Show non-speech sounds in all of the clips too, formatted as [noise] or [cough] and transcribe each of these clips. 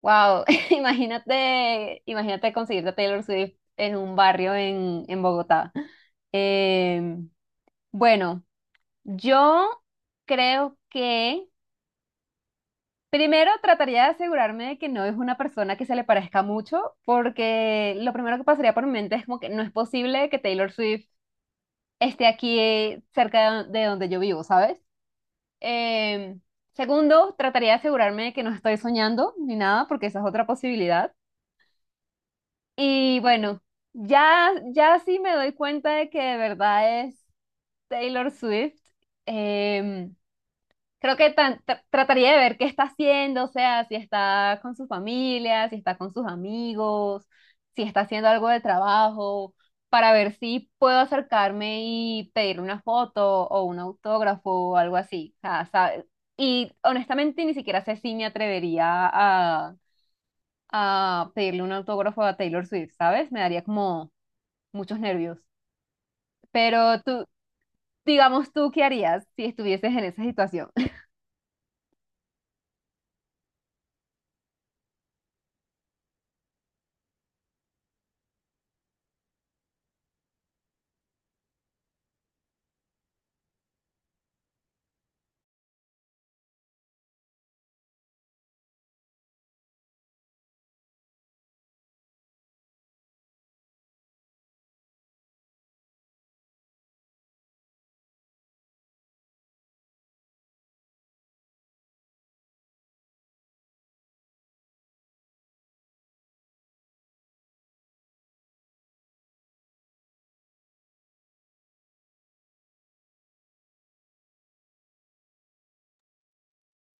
Wow, [laughs] imagínate, imagínate conseguirte a Taylor Swift en un barrio en Bogotá. Eh, bueno, yo creo que primero trataría de asegurarme de que no es una persona que se le parezca mucho, porque lo primero que pasaría por mi mente es como que no es posible que Taylor Swift esté aquí cerca de donde yo vivo, ¿sabes? Eh, Segundo, trataría de asegurarme de que no estoy soñando ni nada, porque esa es otra posibilidad. Y bueno, ya sí me doy cuenta de que de verdad es Taylor Swift. Em, Creo que trataría de ver qué está haciendo, o sea, si está con su familia, si está con sus amigos, si está haciendo algo de trabajo, para ver si puedo acercarme y pedirle una foto o un autógrafo o algo así. O sea, sabe- Y honestamente ni siquiera sé si me atrevería a, a pedirle un autógrafo a Taylor Swift, ¿sabes? Me daría como muchos nervios. Pero tú, digamos tú, ¿qué harías si estuvieses en esa situación?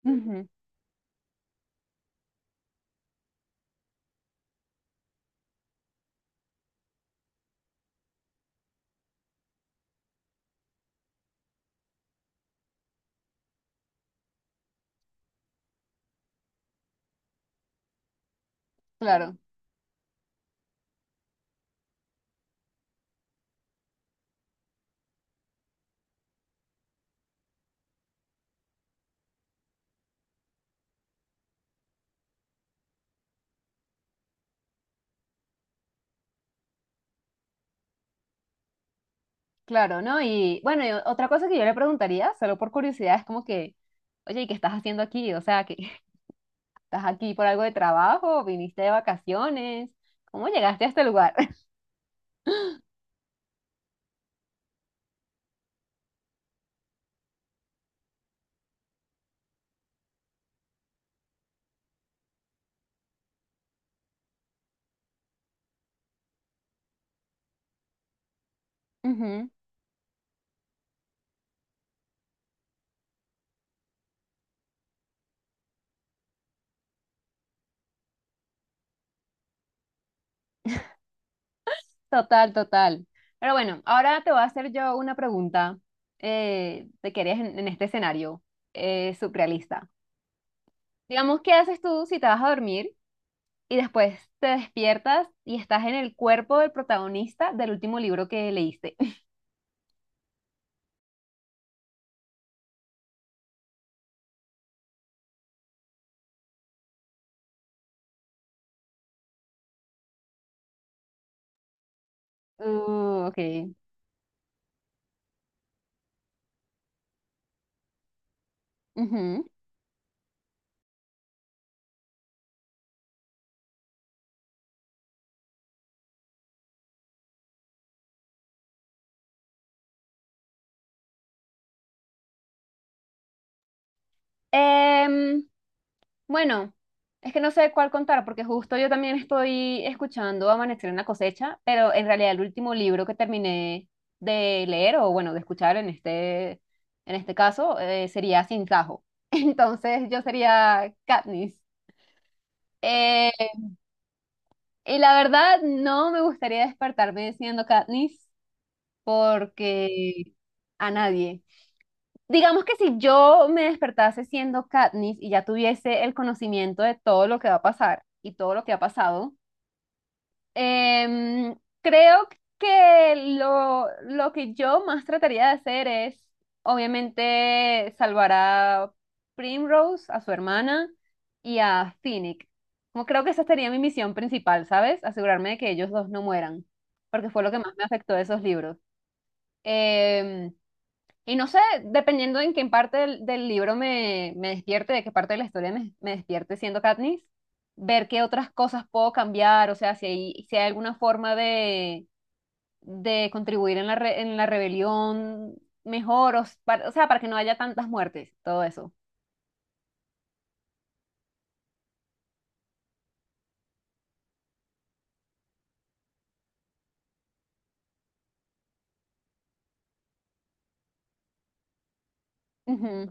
[laughs] Ujú. Claro, claro, ¿no? Y bueno, y o- otra cosa que yo le preguntaría, solo por curiosidad, es como que, oye, ¿y qué estás haciendo aquí? O sea, que [laughs] estás aquí por algo de trabajo, viniste de vacaciones, ¿cómo llegaste a este lugar? [laughs] Ujú. Total, total. Pero bueno, ahora te voy a hacer yo una pregunta de qué harías en este escenario surrealista. Digamos, ¿qué haces tú si te vas a dormir? Y después te despiertas y estás en el cuerpo del protagonista del último libro que leíste. [laughs] Ok. Ujú. Em, bueno, es que no sé cuál contar porque justo yo también estoy escuchando Amanecer en la cosecha, pero en realidad el último libro que terminé de leer o bueno, de escuchar en este caso sería Sinsajo. [laughs] Entonces yo sería Katniss. Eh, y la verdad, no me gustaría despertarme siendo Katniss, porque a nadie. Digamos que si yo me despertase siendo Katniss y ya tuviese el conocimiento de todo lo que va a pasar y todo lo que ha pasado, creo que lo que yo más trataría de hacer es, obviamente, salvar a Primrose, a su hermana y a Phoenix. Como creo que esa sería mi misión principal, ¿sabes? Asegurarme de que ellos dos no mueran, porque fue lo que más me afectó de esos libros. Em, y no sé, dependiendo en qué parte del libro me despierte, de qué parte de la historia me despierte siendo Katniss, ver qué otras cosas puedo cambiar, o sea, si hay alguna forma de contribuir en la, re- en la rebelión mejor, o, s- para- o sea, para que no haya tantas muertes, todo eso. Ujú.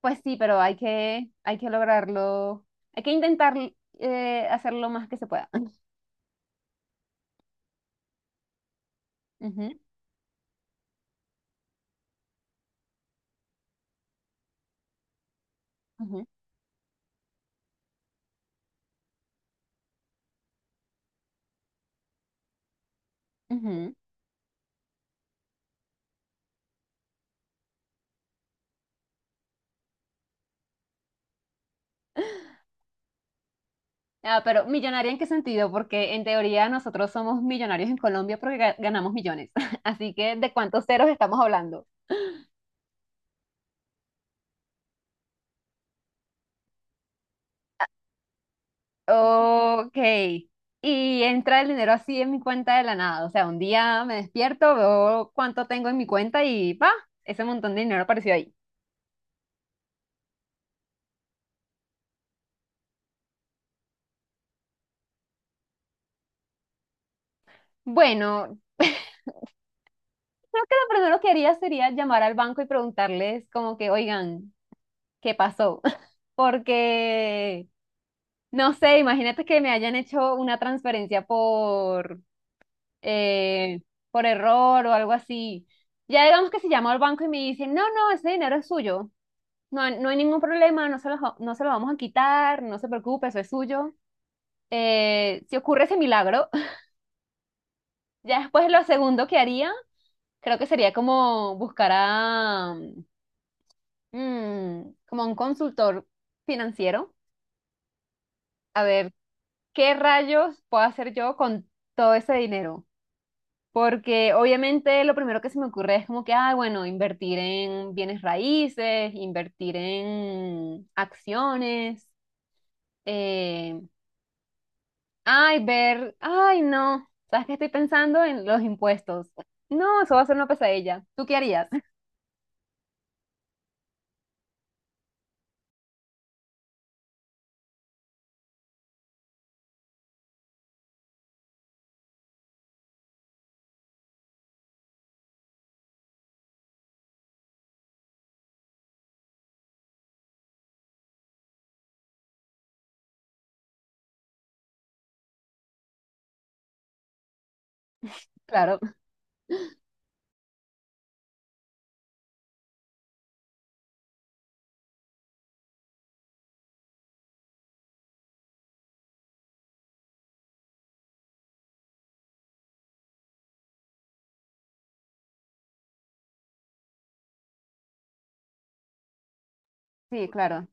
Pues sí, pero hay que lograrlo, hay que intentar hacer lo más que se pueda. [laughs] Ujú, ujú, ujú. Ah, ¿pero millonaria en qué sentido? Porque en teoría nosotros somos millonarios en Colombia porque ga- ganamos millones. [laughs] Así que, ¿de cuántos ceros estamos hablando? Ok. Y entra el dinero así en mi cuenta de la nada. O sea, un día me despierto, veo cuánto tengo en mi cuenta y ¡pa! Ese montón de dinero apareció ahí. Bueno, lo primero que haría sería llamar al banco y preguntarles como que, oigan, ¿qué pasó? [laughs] Porque, no sé, imagínate que me hayan hecho una transferencia eh, por error o algo así. Ya digamos que se llama al banco y me dicen, no, no, ese dinero es suyo, no, hay- no hay ningún problema, no se lo, ja- no se lo vamos a quitar, no se preocupe, eso es suyo. Si ocurre ese milagro, [laughs] ya después lo segundo que haría, creo que sería como buscar a, mm, como un consultor financiero, a ver qué rayos puedo hacer yo con todo ese dinero. Porque obviamente lo primero que se me ocurre es como que, ah, bueno, invertir en bienes raíces, invertir en acciones, eh, ay, ver, ay, no, ¿sabes qué? Estoy pensando en los impuestos. No, eso va a ser una pesadilla. ¿Tú qué harías? [laughs] Claro, sí, claro.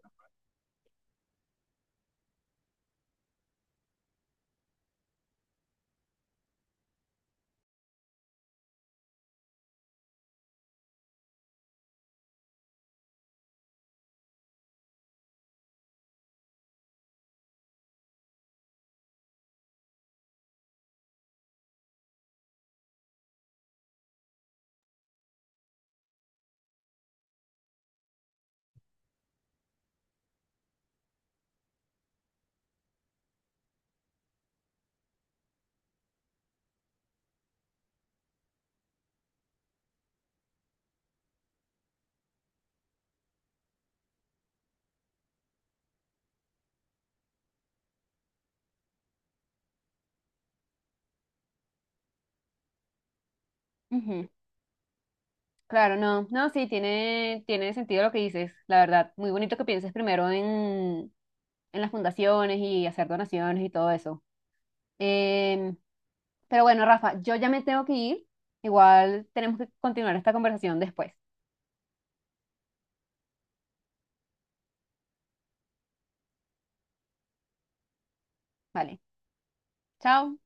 Ujú. Claro, no, no, sí, tiene sentido lo que dices, la verdad. Muy bonito que pienses primero en las fundaciones y hacer donaciones y todo eso. Em, pero bueno, Rafa, yo ya me tengo que ir. Igual tenemos que continuar esta conversación después. Vale, chao.